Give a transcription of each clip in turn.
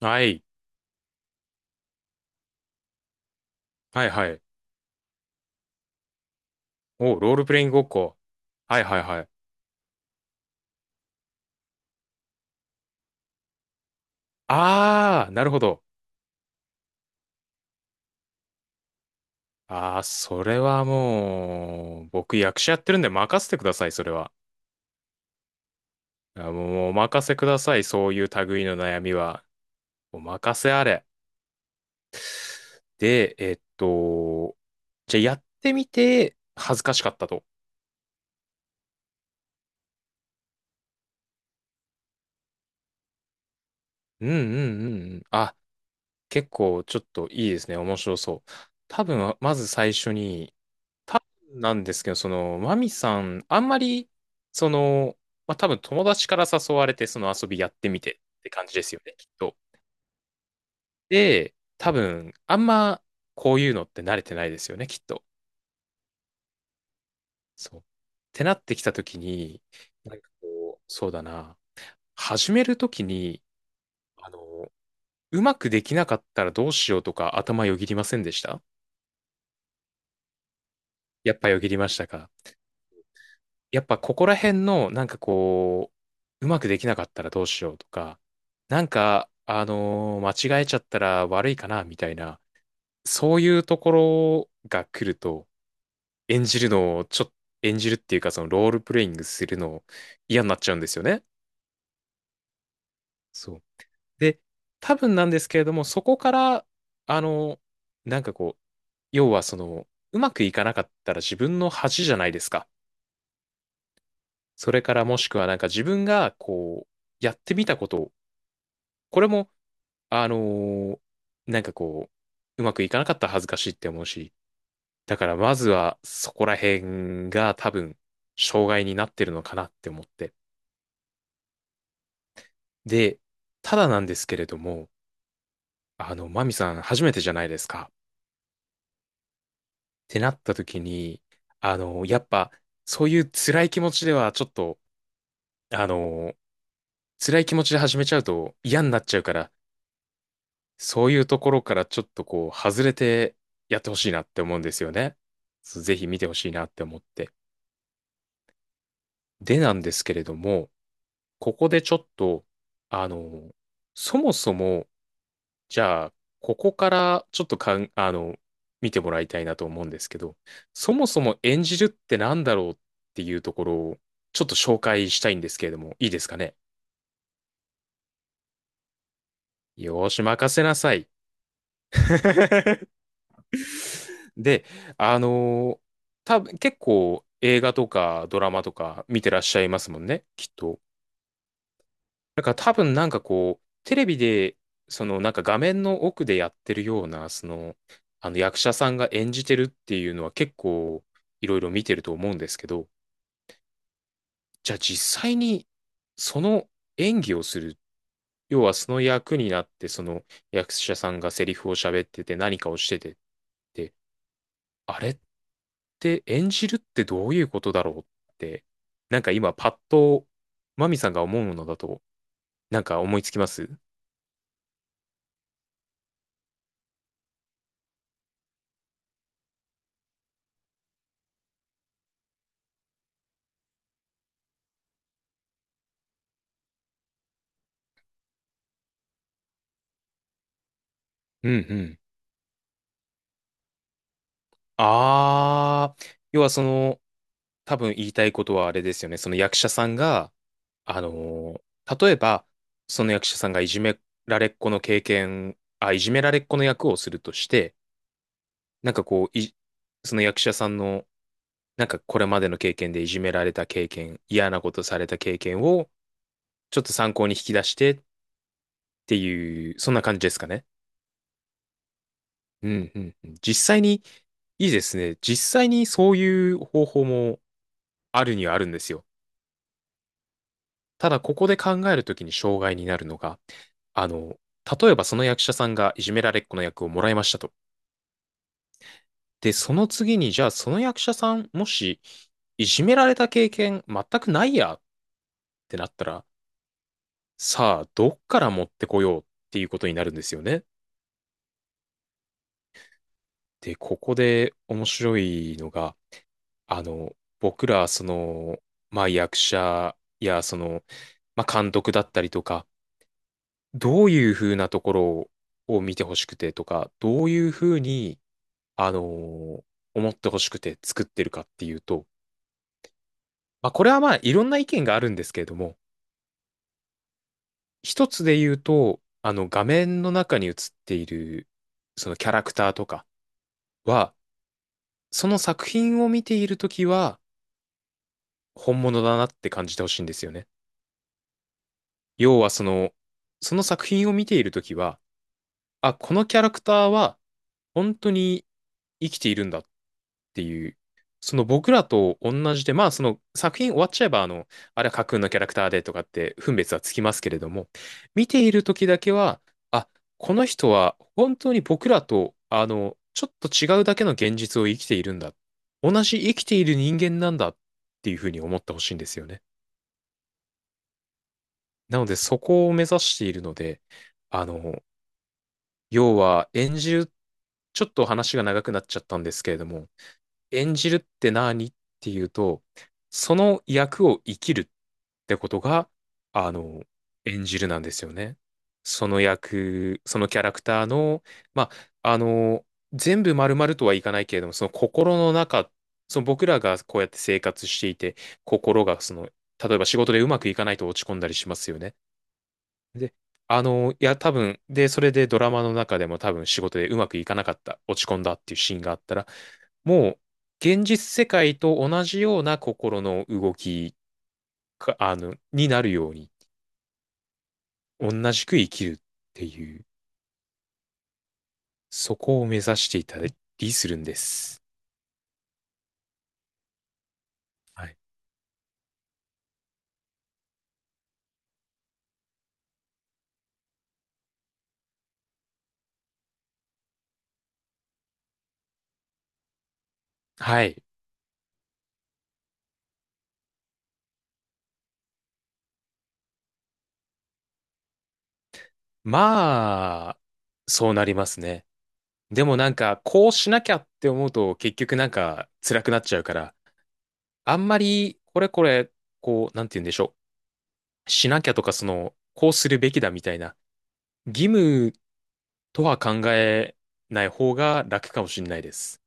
はい。はいはい。お、ロールプレイングごっこ。はいはいはい。あー、なるほど。あー、それはもう、僕役者やってるんで任せてください、それは。あもう、もうお任せください、そういう類の悩みは。お任せあれ。で、じゃあやってみて、恥ずかしかったと。うんうんうんうん。あ、結構ちょっといいですね。面白そう。多分、まず最初に、多分なんですけど、その、マミさん、あんまり、その、まあ、多分友達から誘われて、その遊びやってみてって感じですよね、きっと。で、多分、あんま、こういうのって慣れてないですよね、きっと。そう。ってなってきたときに、なんかこう、そうだな、始めるときに、あの、うまくできなかったらどうしようとか頭よぎりませんでした？やっぱよぎりましたか？やっぱここら辺の、なんかこう、うまくできなかったらどうしようとか、なんか、間違えちゃったら悪いかな、みたいな、そういうところが来ると、演じるのを、ちょっと、演じるっていうか、そのロールプレイングするの嫌になっちゃうんですよね。そう。で、多分なんですけれども、そこから、あのなんかこう、要はその、うまくいかなかったら自分の恥じゃないですか。それからもしくはなんか自分がこう、やってみたことこれも、あのーなんかこう、うまくいかなかったら恥ずかしいって思うし、だからまずはそこら辺が多分、障害になってるのかなって思って。で、ただなんですけれども、あの、マミさん初めてじゃないですか。ってなった時に、あの、やっぱ、そういう辛い気持ちではちょっと、あの、辛い気持ちで始めちゃうと嫌になっちゃうから、そういうところからちょっとこう、外れてやってほしいなって思うんですよね。そうぜひ見てほしいなって思って。でなんですけれども、ここでちょっと、あの、そもそも、じゃあ、ここからちょっとかん、あの、見てもらいたいなと思うんですけど、そもそも演じるってなんだろうっていうところを、ちょっと紹介したいんですけれども、いいですかね？よーし、任せなさい。で、あのー多分結構映画とかドラマとか見てらっしゃいますもんね、きっと。だから多分なんかこう、テレビで、そのなんか画面の奥でやってるような、その、あの役者さんが演じてるっていうのは結構いろいろ見てると思うんですけど、じゃあ実際にその演技をする、要はその役になって、その役者さんがセリフを喋ってて何かをしててって、あれって演じるってどういうことだろうって、なんか今パッとマミさんが思うものだと、なんか思いつきます？うんうん。あー、要はその、多分言いたいことはあれですよね。その役者さんが、あのー例えば、その役者さんがいじめられっ子の経験、あ、いじめられっ子の役をするとして、なんかこう、い、その役者さんの、なんかこれまでの経験でいじめられた経験、嫌なことされた経験を、ちょっと参考に引き出してっていう、そんな感じですかね。うんうんうん。実際に、いいですね。実際にそういう方法もあるにはあるんですよ。ただ、ここで考えるときに障害になるのが、あの、例えばその役者さんがいじめられっ子の役をもらいましたと。で、その次に、じゃあその役者さん、もし、いじめられた経験全くないやってなったら、さあ、どっから持ってこようっていうことになるんですよね。で、ここで面白いのが、あの、僕ら、その、まあ、役者や、その、まあ、監督だったりとか、どういうふうなところを見てほしくてとか、どういうふうに、あのー思ってほしくて作ってるかっていうと、まあ、これはまあ、いろんな意見があるんですけれども、一つで言うと、あの、画面の中に映っている、そのキャラクターとかは、その作品を見ているときは、本物だなって感じてほしいんですよね。要はその、その作品を見ているときは、あ、このキャラクターは本当に生きているんだっていう、その僕らと同じで、まあその作品終わっちゃえば、あの、あれは架空のキャラクターでとかって分別はつきますけれども、見ているときだけは、あ、この人は本当に僕らと、あの、ちょっと違うだけの現実を生きているんだ。同じ生きている人間なんだっていうふうに思ってほしいんですよね。なのでそこを目指しているので、あの、要は演じる、ちょっと話が長くなっちゃったんですけれども、演じるって何っていうと、その役を生きるってことが、あの、演じるなんですよね。その役、そのキャラクターの、まあ、あの、全部丸々とはいかないけれども、その心の中、その僕らがこうやって生活していて、心がその、例えば仕事でうまくいかないと落ち込んだりしますよね。で、あの、いや、多分、で、それでドラマの中でも多分仕事でうまくいかなかった、落ち込んだっていうシーンがあったら、もう、現実世界と同じような心の動きか、あの、になるように、同じく生きるっていう、そこを目指していたりするんです。はい。はい。まあ、そうなりますね。でもなんか、こうしなきゃって思うと、結局なんか、辛くなっちゃうから、あんまり、こう、なんて言うんでしょう。しなきゃとか、その、こうするべきだみたいな、義務とは考えない方が楽かもしれないです。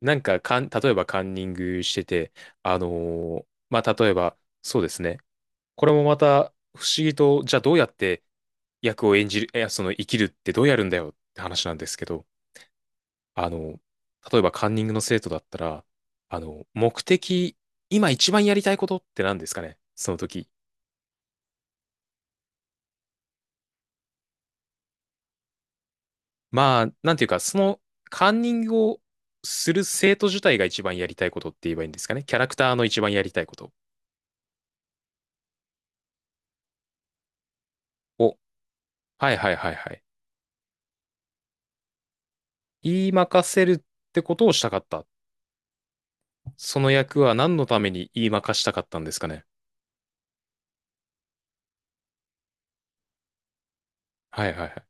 なんか、かん、例えばカンニングしてて、まあ、例えば、そうですね。これもまた不思議と、じゃあどうやって役を演じる、いや、その生きるってどうやるんだよって話なんですけど、あの、例えばカンニングの生徒だったら、あの、目的、今一番やりたいことって何ですかねその時？まあ、なんていうか、そのカンニングをする生徒自体が一番やりたいことって言えばいいんですかね？キャラクターの一番やりたいことを。はいはいはいはい。言いまかせるってことをしたかった。その役は何のために言いまかしたかったんですかね？はいはいはい。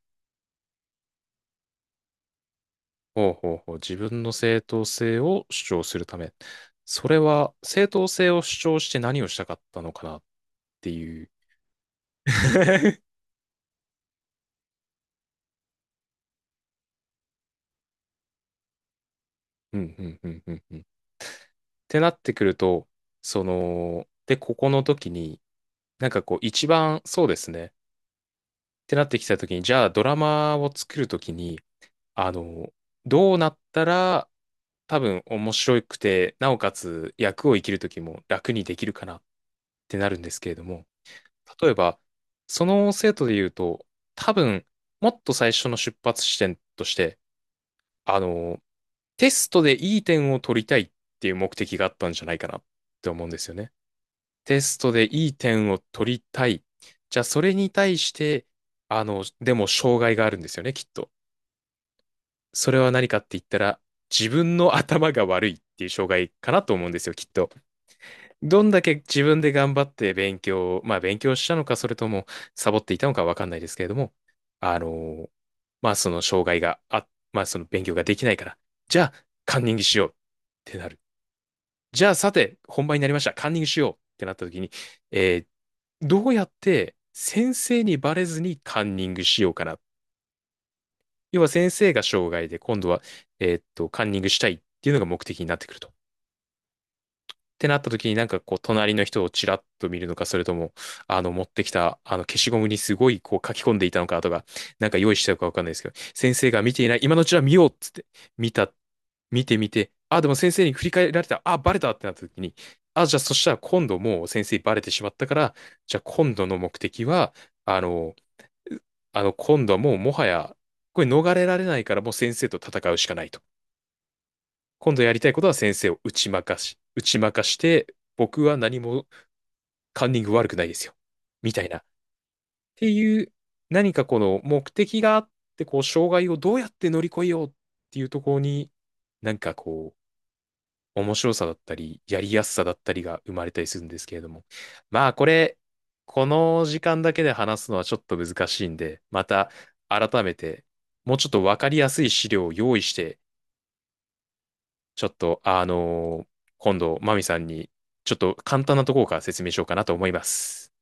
ほうほうほう。自分の正当性を主張するため。それは正当性を主張して何をしたかったのかなっていう。うんうんうんうんうん。ってなってくると、その、で、ここの時に、なんかこう一番そうですね。ってなってきたときに、じゃあドラマを作るときに、あの、どうなったら多分面白くて、なおかつ役を生きるときも楽にできるかなってなるんですけれども、例えば、その生徒で言うと、多分、もっと最初の出発地点として、あの、テストでいい点を取りたいっていう目的があったんじゃないかなって思うんですよね。テストでいい点を取りたい。じゃあ、それに対して、でも障害があるんですよね、きっと。それは何かって言ったら、自分の頭が悪いっていう障害かなと思うんですよ、きっと。どんだけ自分で頑張って勉強を、まあ勉強したのか、それともサボっていたのかわかんないですけれども、あの、まあその障害があ、まあその勉強ができないから、じゃあカンニングしようってなる。じゃあさて、本番になりました。カンニングしようってなった時に、えーどうやって先生にバレずにカンニングしようかな。要は先生が障害で、今度は、カンニングしたいっていうのが目的になってくると。てなった時になんかこう隣の人をちらっと見るのか、それとも、あの持ってきたあの消しゴムにすごいこう書き込んでいたのかとか、なんか用意してたかわかんないですけど、先生が見ていない、今のうちは見ようっつって、見た、見てみて、あ、でも先生に振り返られた、あ、バレたってなった時に、あ、じゃあそしたら今度もう先生バレてしまったから、じゃあ今度の目的は、あの、あの今度はもうもはや、これ逃れられないからもう先生と戦うしかないと。今度やりたいことは先生を打ち負かし、打ち負かして、僕は何もカンニング悪くないですよ、みたいな。っていう、何かこの目的があって、こう、障害をどうやって乗り越えようっていうところに、なんかこ面白さだったり、やりやすさだったりが生まれたりするんですけれども。まあ、これ、この時間だけで話すのはちょっと難しいんで、また改めて、もうちょっとわかりやすい資料を用意して、ちょっと、あの今度、マミさんに、ちょっと簡単なところから説明しようかなと思います。